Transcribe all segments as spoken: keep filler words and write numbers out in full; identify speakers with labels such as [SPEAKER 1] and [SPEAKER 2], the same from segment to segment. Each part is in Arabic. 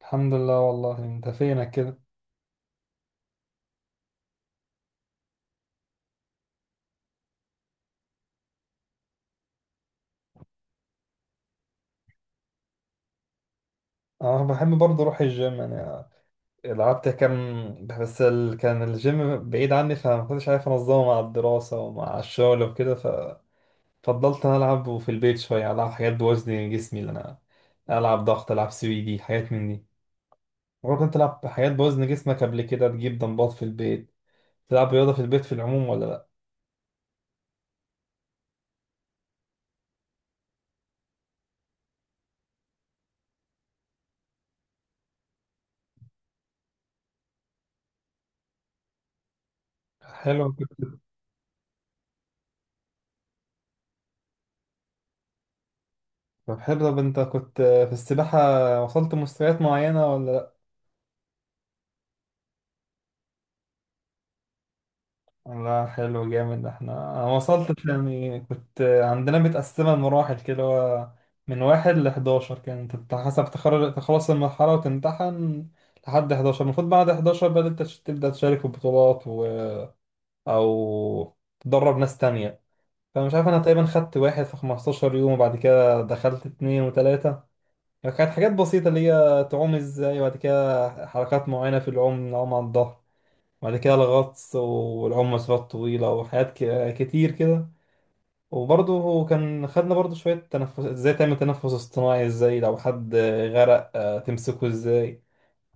[SPEAKER 1] الحمد لله والله، انت فينك كده. انا بحب برضه اروح الجيم يعني. لعبت كام بس ال... كان الجيم بعيد عني، فما كنتش عارف انظمه مع الدراسه ومع الشغل وكده. ففضلت انا العب في البيت شويه، العب حاجات بوزن جسمي اللي انا العب ضغط، العب سويدي، حاجات من دي. برضه انت تلعب حاجات بوزن جسمك قبل كده؟ تجيب دمبات في البيت، تلعب رياضه في البيت في العموم ولا لا؟ حلو كنت. طب حلو، طب انت كنت في السباحه وصلت مستويات معينه ولا؟ لا حلو جامد. احنا انا وصلت يعني، كنت عندنا متقسمة لمراحل كده، هو من واحد لحداشر كانت، انت حسب تخرج تخلص المرحلة وتمتحن لحد حداشر. المفروض بعد حداشر بقى انت تش- تبدأ تشارك في بطولات و... أو تدرب ناس تانية. فمش عارف، أنا تقريبا خدت واحد في خمستاشر يوم، وبعد كده دخلت اتنين وتلاتة. يعني كانت حاجات بسيطة، اللي هي تعوم ازاي، وبعد كده حركات معينة في العوم، نعوم على الظهر، وبعد كده الغطس والعوم مسافات طويلة وحاجات ك- كتير كده. وبرضه هو كان خدنا برضه شوية تنفس ازاي، تعمل تنفس اصطناعي ازاي لو حد غرق، آه، تمسكه ازاي.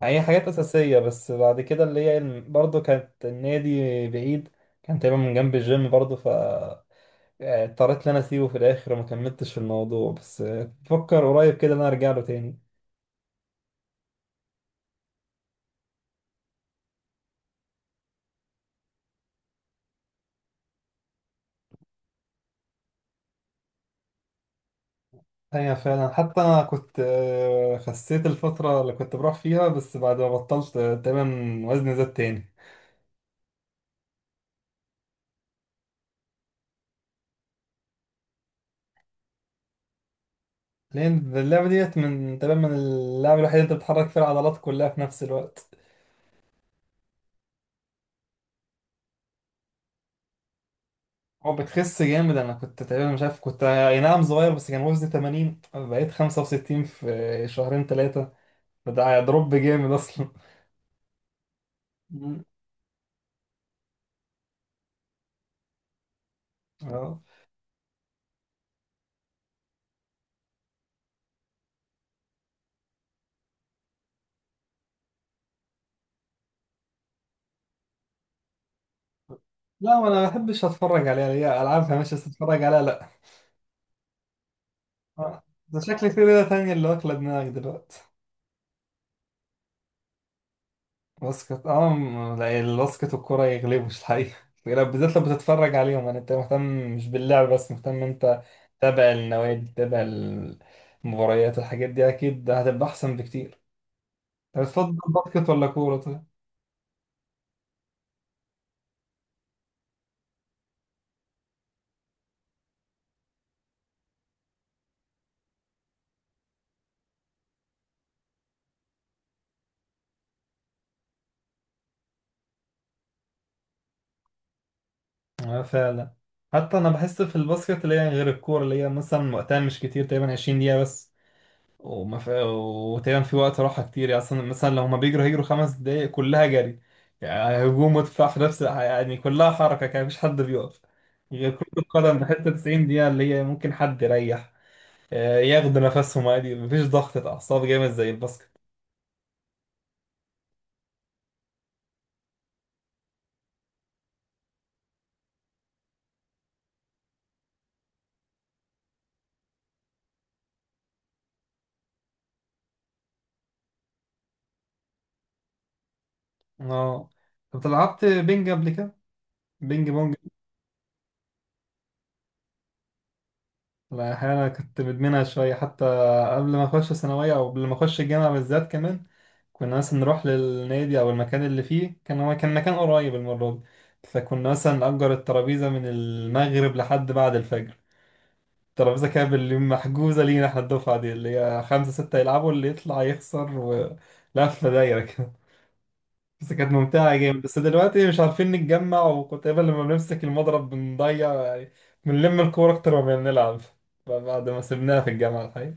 [SPEAKER 1] يعني هي حاجات أساسية بس. بعد كده اللي هي الم- برضه كانت النادي بعيد، كان تقريبا من جنب الجيم برضه. ف آه، اضطريت ان انا اسيبه في الاخر وما كملتش في الموضوع. بس آه، بفكر قريب كده ان انا ارجع له تاني. هي فعلا، حتى انا كنت آه، خسيت الفترة اللي كنت بروح فيها، بس بعد ما بطلت آه، تقريبا وزني زاد تاني. لان اللعبة ديت من تقريبا، من اللعبة الوحيدة اللي انت بتحرك فيها العضلات كلها في نفس الوقت. هو بتخس جامد. انا كنت تقريبا، مش عارف، كنت اي نعم صغير، بس كان وزني تمانين بقيت خمسة وستين في شهرين ثلاثة. فده دروب جامد اصلا. مم. اه. لا ما انا ما بحبش اتفرج عليها، هي العابها مش بس اتفرج عليها لا. آه، ده شكلي في ليلة تانية اللي واكلة دماغك دلوقتي. باسكت اه م- لا، الباسكت والكورة يغلبوش الحقيقة. لو- بالذات لو بتتفرج عليهم يعني، انت مهتم مش باللعب بس، مهتم انت تتابع النوادي، تتابع المباريات، الحاجات دي اكيد هتبقى احسن بكتير. طب بتفضل باسكت ولا كورة طيب؟ اه فعلا. حتى انا بحس في الباسكت، اللي هي غير الكورة، اللي هي مثلا وقتها مش كتير، تقريبا عشرين دقيقة بس. وما في... وتقريبا في وقت راحة كتير يعني، أصلا مثلا لو هما بيجروا هيجروا خمس دقايق كلها جري يعني، هجوم ودفاع في نفس الع- يعني كلها حركة، كان مفيش حد بيقف. غير كرة القدم بحتة، تسعين دقيقة اللي هي ممكن حد يريح، آه، ياخدوا نفسهم عادي، مفيش ضغطة أعصاب جامد زي الباسكت. اه. طب لعبت بينج قبل كده؟ بينج بونج. لا أحيانا كنت مدمنها شوية حتى، قبل ما أخش ثانوية، أو قبل ما أخش الجامعة بالذات كمان. كنا مثلا نروح للنادي، أو المكان اللي فيه، كان هو كان مكان قريب المرة دي، فكنا مثلا نأجر الترابيزة من المغرب لحد بعد الفجر. الترابيزة كانت باللي محجوزة لينا احنا، الدفعة دي اللي هي خمسة ستة يلعبوا، اللي يطلع يخسر، ولفة دايرة. بس كانت ممتعة جامد. بس دلوقتي مش عارفين نتجمع. وكنت دايما لما بنمسك المضرب بنضيع يعني، بنلم الكورة أكتر ما بنلعب. بعد ما سيبناها في الجامعة الحقيقة.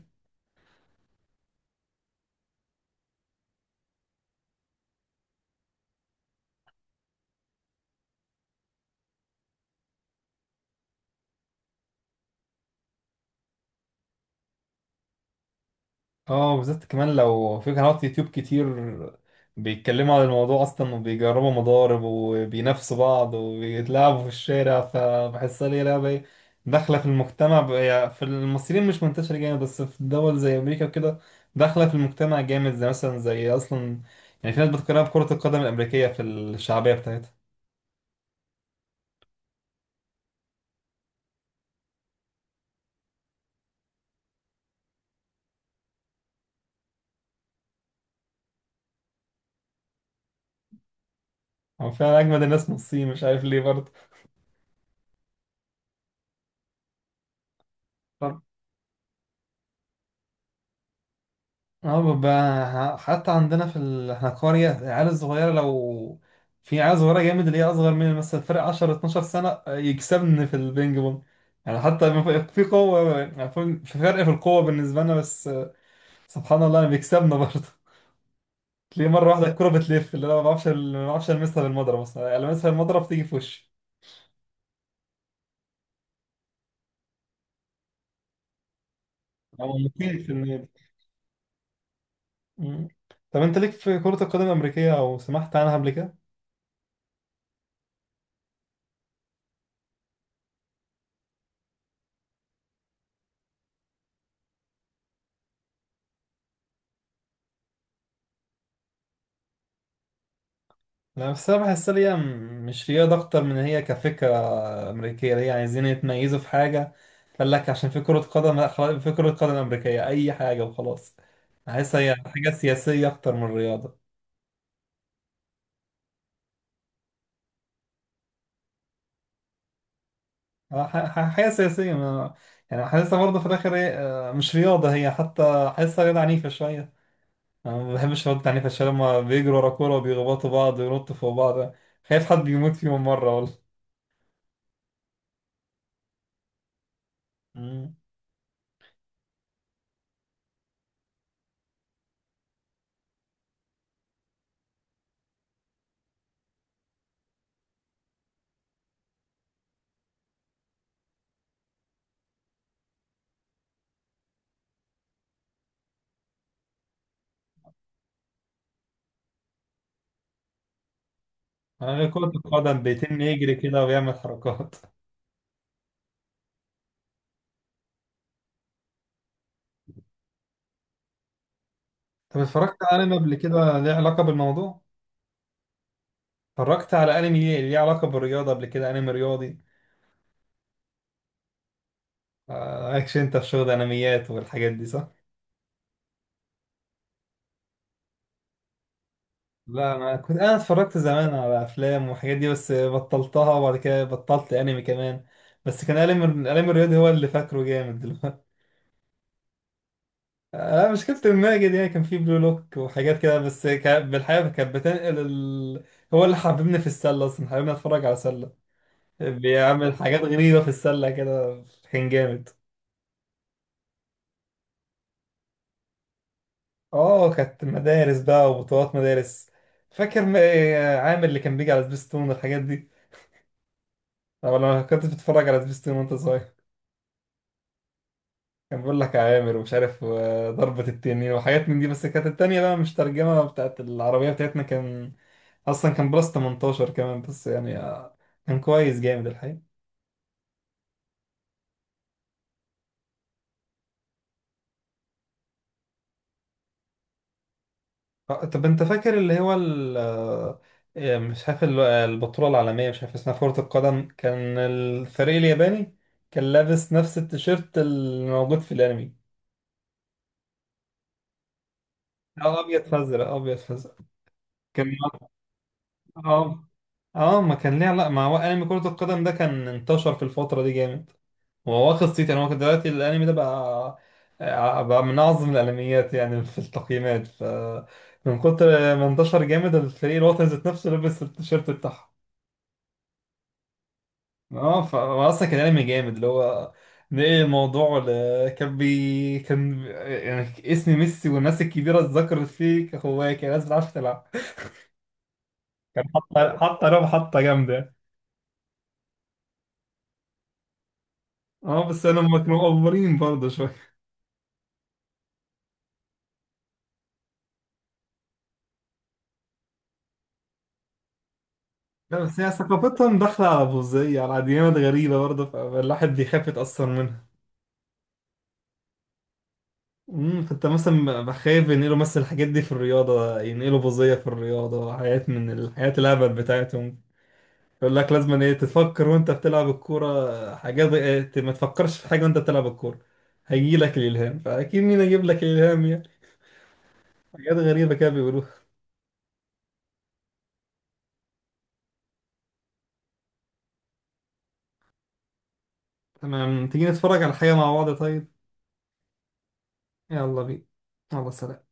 [SPEAKER 1] اه بالذات كمان لو في قنوات يوتيوب كتير بيتكلموا عن الموضوع اصلا، وبيجربوا مضارب، وبينافسوا بعض، وبيتلاعبوا في الشارع. فبحسها ليه لعبة ايه داخلة في المجتمع ب- يعني في المصريين مش منتشرة جامد، بس في دول زي امريكا وكده داخلة في المجتمع جامد، زي مثلا زي اصلا يعني، في ناس بتقارنها بكرة القدم الامريكية في الشعبية بتاعتها. هو فعلا اجمد الناس من الصين، مش عارف ليه برضه. اه بقى. حتى عندنا في ال... احنا قرية، العيال الصغيرة لو، في عيال صغيرة جامد اللي هي أصغر مني، مثلا فرق عشرة اتناشر سنة، يكسبني في البينج بونج. يعني حتى ما في في قوة يعني، في في فرق في القوة بالنسبة لنا، بس سبحان الله أنا بيكسبنا برضه. تلاقيه مرة واحدة الكورة بتلف، اللي أنا ما بعرفش ما بعرفش ألمسها بالمضرب، مثلا ألمسها بالمضرب تيجي في وشي، أو ممكن في النادي. مم. طب أنت ليك في كرة القدم الأمريكية، أو سمعت عنها قبل كده؟ لا بس انا بحس إن هي م- مش رياضة اكتر من إن هي كفكرة امريكية، اللي هي عايزين يتميزوا في حاجة. قال لك عشان في كرة قدم، لا خلاص، في كرة قدم امريكية، اي حاجة وخلاص. بحس هي حاجة سياسية اكتر من رياضة. آه، ح- ح- حاجة سياسية ما يعني، حاسسها برضه في الاخر إيه، آه، مش رياضة، هي حتى حاسسها رياضة عنيفة شوية. انا ما بحبش الرياضة العنيفة، عشان لما بيجروا ورا كورة وبيخبطوا بعض وينطوا فوق بعض، خايف حد يموت فيهم مرة والله. مم. انا غير كرة القدم، بيتم يجري كده ويعمل حركات. طب اتفرجت على انمي قبل كده ليه علاقة بالموضوع؟ اتفرجت على انمي ليه ليه علاقة بالرياضة قبل كده، انمي رياضي؟ آه، مالكش انت في شغل انميات والحاجات دي صح؟ لا انا كنت، انا اتفرجت زمان على افلام والحاجات دي، بس بطلتها، وبعد كده بطلت انمي كمان. بس كان انمي، الانمي الرياضي هو اللي فاكره جامد دلوقتي. آه، مشكلة الماجد يعني، كان فيه بلو لوك وحاجات كده. بس كا- بالحقيقة كانت بتنقل ال... هو اللي حببني في السلة أصلا، حببني أتفرج على سلة، بيعمل حاجات غريبة في السلة كده، كان جامد. اه كانت مدارس بقى وبطولات مدارس. فاكر م- آه، عامر اللي كان بيجي على سبيستون والحاجات دي؟ طب لما كنت بتتفرج على سبيستون وانت صغير، كان بيقول لك يا عامر ومش عارف آه، ضربة التنين وحاجات من دي. بس كانت التانية بقى مش ترجمة بتاعت العربية بتاعتنا، كان أصلا كان بلس ثمانية عشر كمان. بس يعني آه، كان كويس جامد الحقيقة. آه، طب انت فاكر اللي هو ال آه، آه، مش عارف ال- آه، البطولة العالمية مش عارف اسمها، كرة القدم، كان الفريق الياباني كان لابس نفس التيشيرت اللي موجود في الانمي. اه ابيض فازرق، ابيض فازرق. كان اه اه ما كان ليه علاقة، ما هو انمي كرة القدم. ده كان انتشر في الفترة دي جامد، هو واخد صيت يعني. هو كان دلوقتي الانمي ده بقى آه، بقى من اعظم الانميات يعني في التقييمات. ف من كتر ما انتشر جامد، الفريق الوطني ذات نفسه لبس التيشيرت بتاعهم. اه ف- هو اصلا كان انمي جامد، اللي هو نقل الموضوع ل... كان بي كان يعني اسم ميسي والناس الكبيره اتذكرت فيه كهوايه، كان الناس بتعرف تلعب. كان حاطه حاطه لهم حاطه جامده. اه بس انا هم كانوا مقفرين برضه شويه. لا بس هي ثقافتهم داخله على بوذيه، على ديانات غريبه برضه، فالواحد بيخاف يتاثر منها. امم. فانت مثلا بخاف ينقلوا مثلا الحاجات دي في الرياضه، ينقلوا بوذيه في الرياضه، حاجات من الحاجات الهبل بتاعتهم. يقول لك لازم ايه تفكر وانت بتلعب الكوره، حاجات إيه، ت- ما تفكرش في حاجه وانت بتلعب الكوره هيجي لك الالهام. فاكيد مين هيجيب لك الالهام يعني؟ حاجات غريبه كده بيقولوها. تمام، تيجي نتفرج على حاجه مع بعض طيب؟ يلا بينا. يلا سلام.